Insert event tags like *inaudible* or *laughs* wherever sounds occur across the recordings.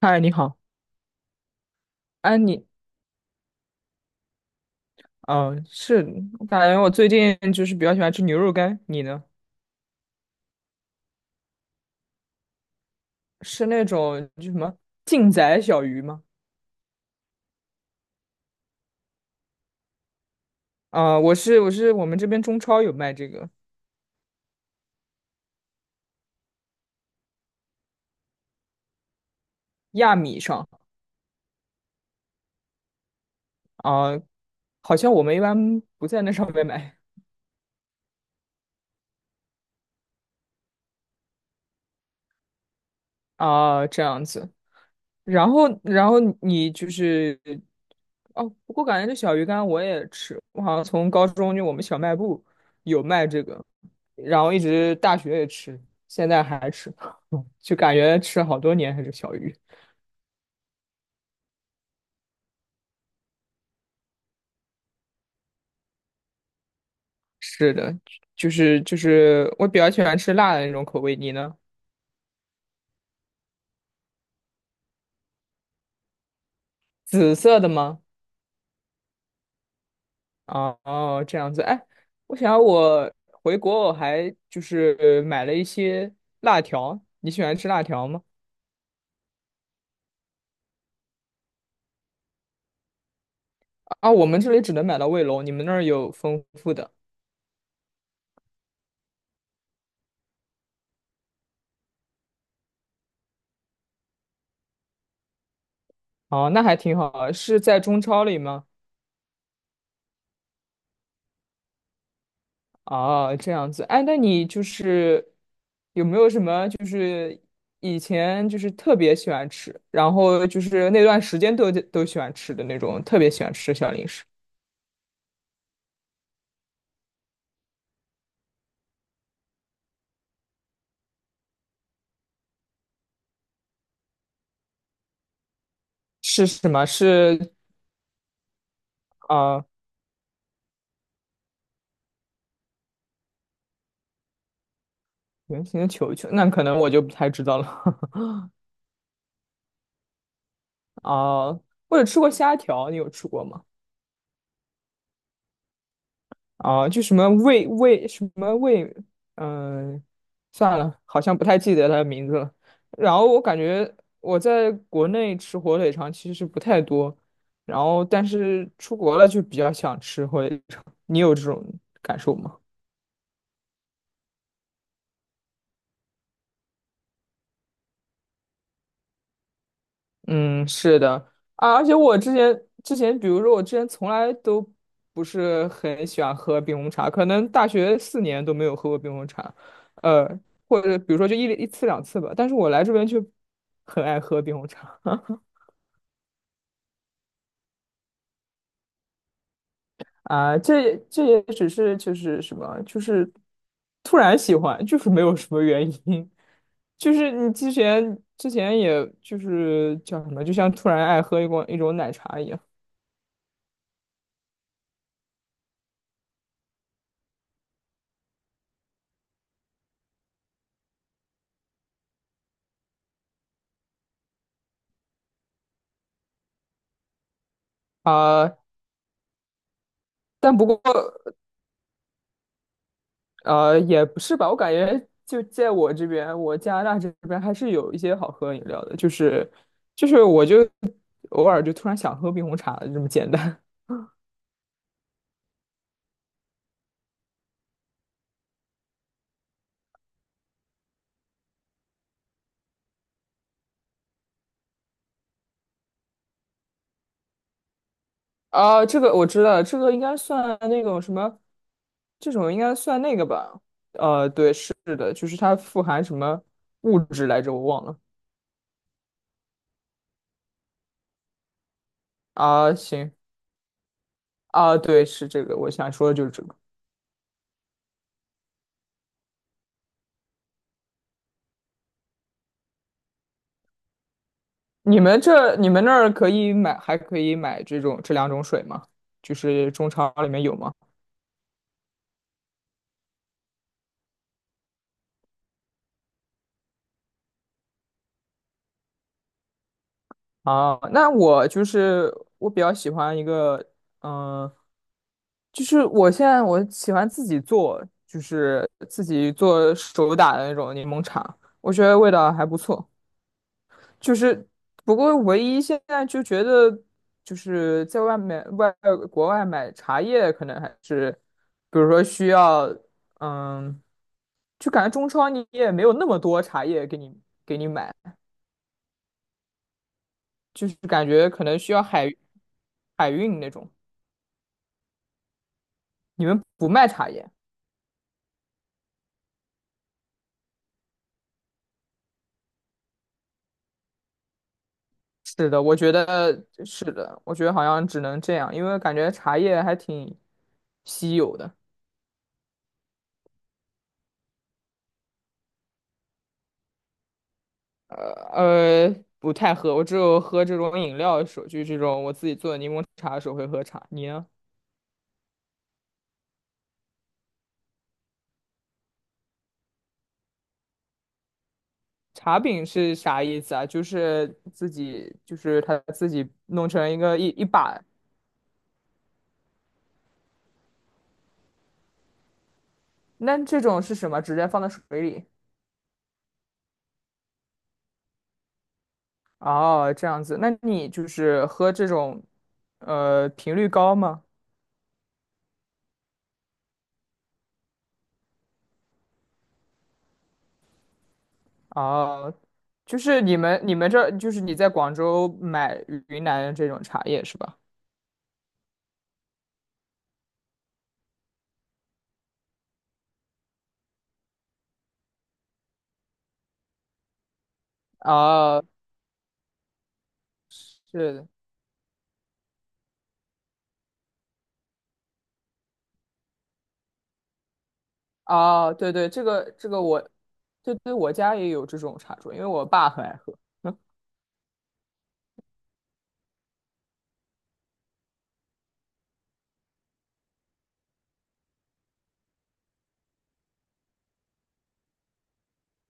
嗨，你好，哎，嗯，是，我感觉我最近就是比较喜欢吃牛肉干，你呢？是那种就什么劲仔小鱼吗？啊、我们这边中超有卖这个亚米上啊、好像我们一般不在那上面买啊、这样子。然后你就是哦，不过感觉这小鱼干我也吃，我好像从高中就我们小卖部有卖这个，然后一直大学也吃，现在还吃，*laughs* 就感觉吃了好多年还是小鱼。是的，就是我比较喜欢吃辣的那种口味，你呢？紫色的吗？哦哦，这样子。哎，我想我回国我还就是买了一些辣条，你喜欢吃辣条吗？啊，我们这里只能买到卫龙，你们那儿有丰富的。哦，那还挺好啊，是在中超里吗？哦，这样子。哎，那你就是有没有什么就是以前就是特别喜欢吃，然后就是那段时间都喜欢吃的那种特别喜欢吃的小零食是什么？是啊，圆形的球球，那可能我就不太知道了。*laughs* 哦，我有吃过虾条，你有吃过吗？啊，就什么魏魏什么魏，嗯、算了，好像不太记得它的名字了。然后我感觉我在国内吃火腿肠其实不太多，然后但是出国了就比较想吃火腿肠。你有这种感受吗？嗯，是的啊，而且我之前，比如说我之前从来都不是很喜欢喝冰红茶，可能大学四年都没有喝过冰红茶，呃，或者比如说就一次两次吧。但是我来这边就很爱喝冰红茶 *laughs* 啊，这也只是就是什么，就是突然喜欢，就是没有什么原因，就是你之前也就是叫什么，就像突然爱喝一种奶茶一样。啊、但不过也不是吧，我感觉就在我这边，我加拿大这边还是有一些好喝的饮料的，就是我就偶尔就突然想喝冰红茶了，这么简单。*laughs* 啊，这个我知道，这个应该算那种什么，这种应该算那个吧？对，是的，就是它富含什么物质来着，我忘了。啊，行，啊，对，是这个，我想说的就是这个。你们那儿可以买，还可以买这种这两种水吗？就是中超里面有吗？啊，那我就是我比较喜欢一个，嗯、就是我现在喜欢自己做，就是自己做手打的那种柠檬茶，我觉得味道还不错。就是不过唯一现在就觉得，就是在外面外国外买茶叶，可能还是，比如说需要，嗯，就感觉中超你也没有那么多茶叶给你买，就是感觉可能需要海运那种。你们不卖茶叶？是的，我觉得是的，我觉得好像只能这样，因为感觉茶叶还挺稀有的。呃不太喝，我只有喝这种饮料的时候，就是这种我自己做的柠檬茶的时候会喝茶。你呢？茶饼是啥意思啊？就是自己，就是他自己弄成一个一把，那这种是什么？直接放在水里？哦，这样子，那你就是喝这种，频率高吗？哦，就是你们这就是你在广州买云南的这种茶叶是吧？啊，是的，啊，对对，这个我，对对，我家也有这种茶桌，因为我爸很爱喝。*laughs*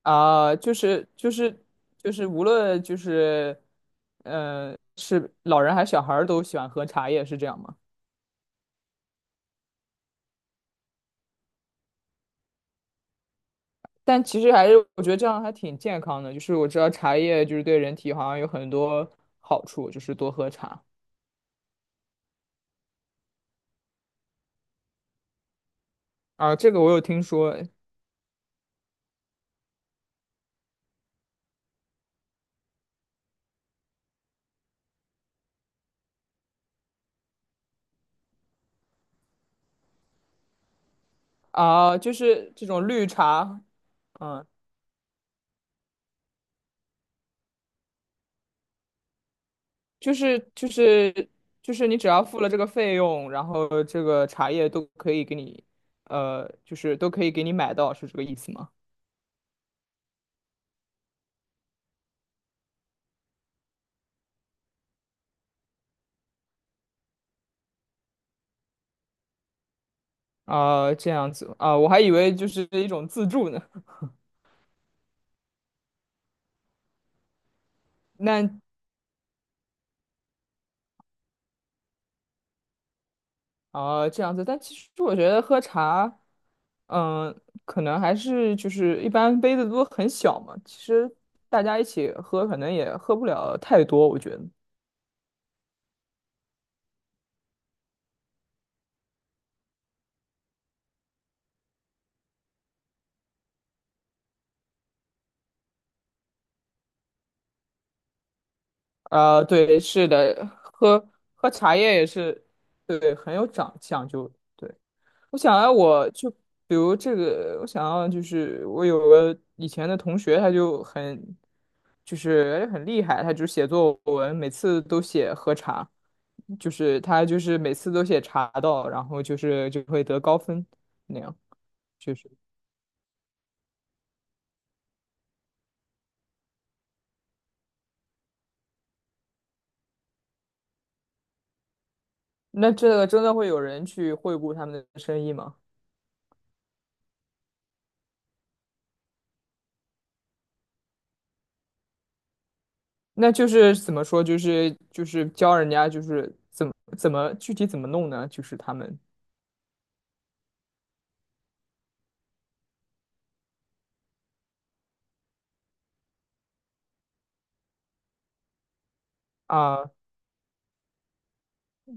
啊，就是无论就是，是老人还是小孩儿都喜欢喝茶叶，是这样吗？但其实还是我觉得这样还挺健康的，就是我知道茶叶就是对人体好像有很多好处，就是多喝茶啊，这个我有听说。啊，就是这种绿茶，嗯，就是就是就是你只要付了这个费用，然后这个茶叶都可以给你，就是都可以给你买到，是这个意思吗？啊，这样子啊，我还以为就是一种自助呢。那啊，这样子，但其实我觉得喝茶，嗯，可能还是就是一般杯子都很小嘛，其实大家一起喝可能也喝不了太多，我觉得。啊，对，是的，喝茶叶也是，对，很有讲究。对，我想要，我就比如这个，我想要就是我有个以前的同学，他就很就是很厉害，他就写作文，每次都写喝茶，就是他就是每次都写茶道，然后就是就会得高分那样，就是那这个真的会有人去惠顾他们的生意吗？那就是怎么说，就是教人家就是怎么具体怎么弄呢？就是他们啊，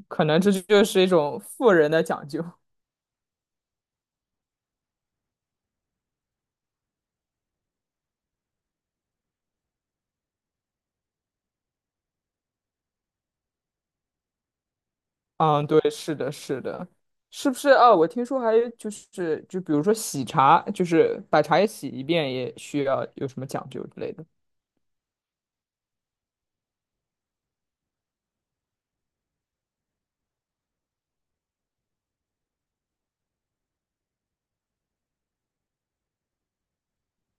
可能这就是一种富人的讲究。嗯，对，是的，是的，是不是啊？我听说还有就是就比如说洗茶，就是把茶叶洗一遍也需要有什么讲究之类的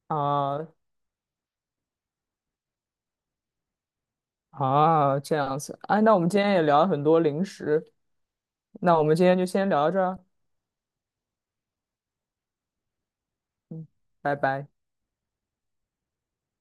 啊啊，这样子。哎，那我们今天也聊了很多零食，那我们今天就先聊到这儿啊，嗯，拜拜。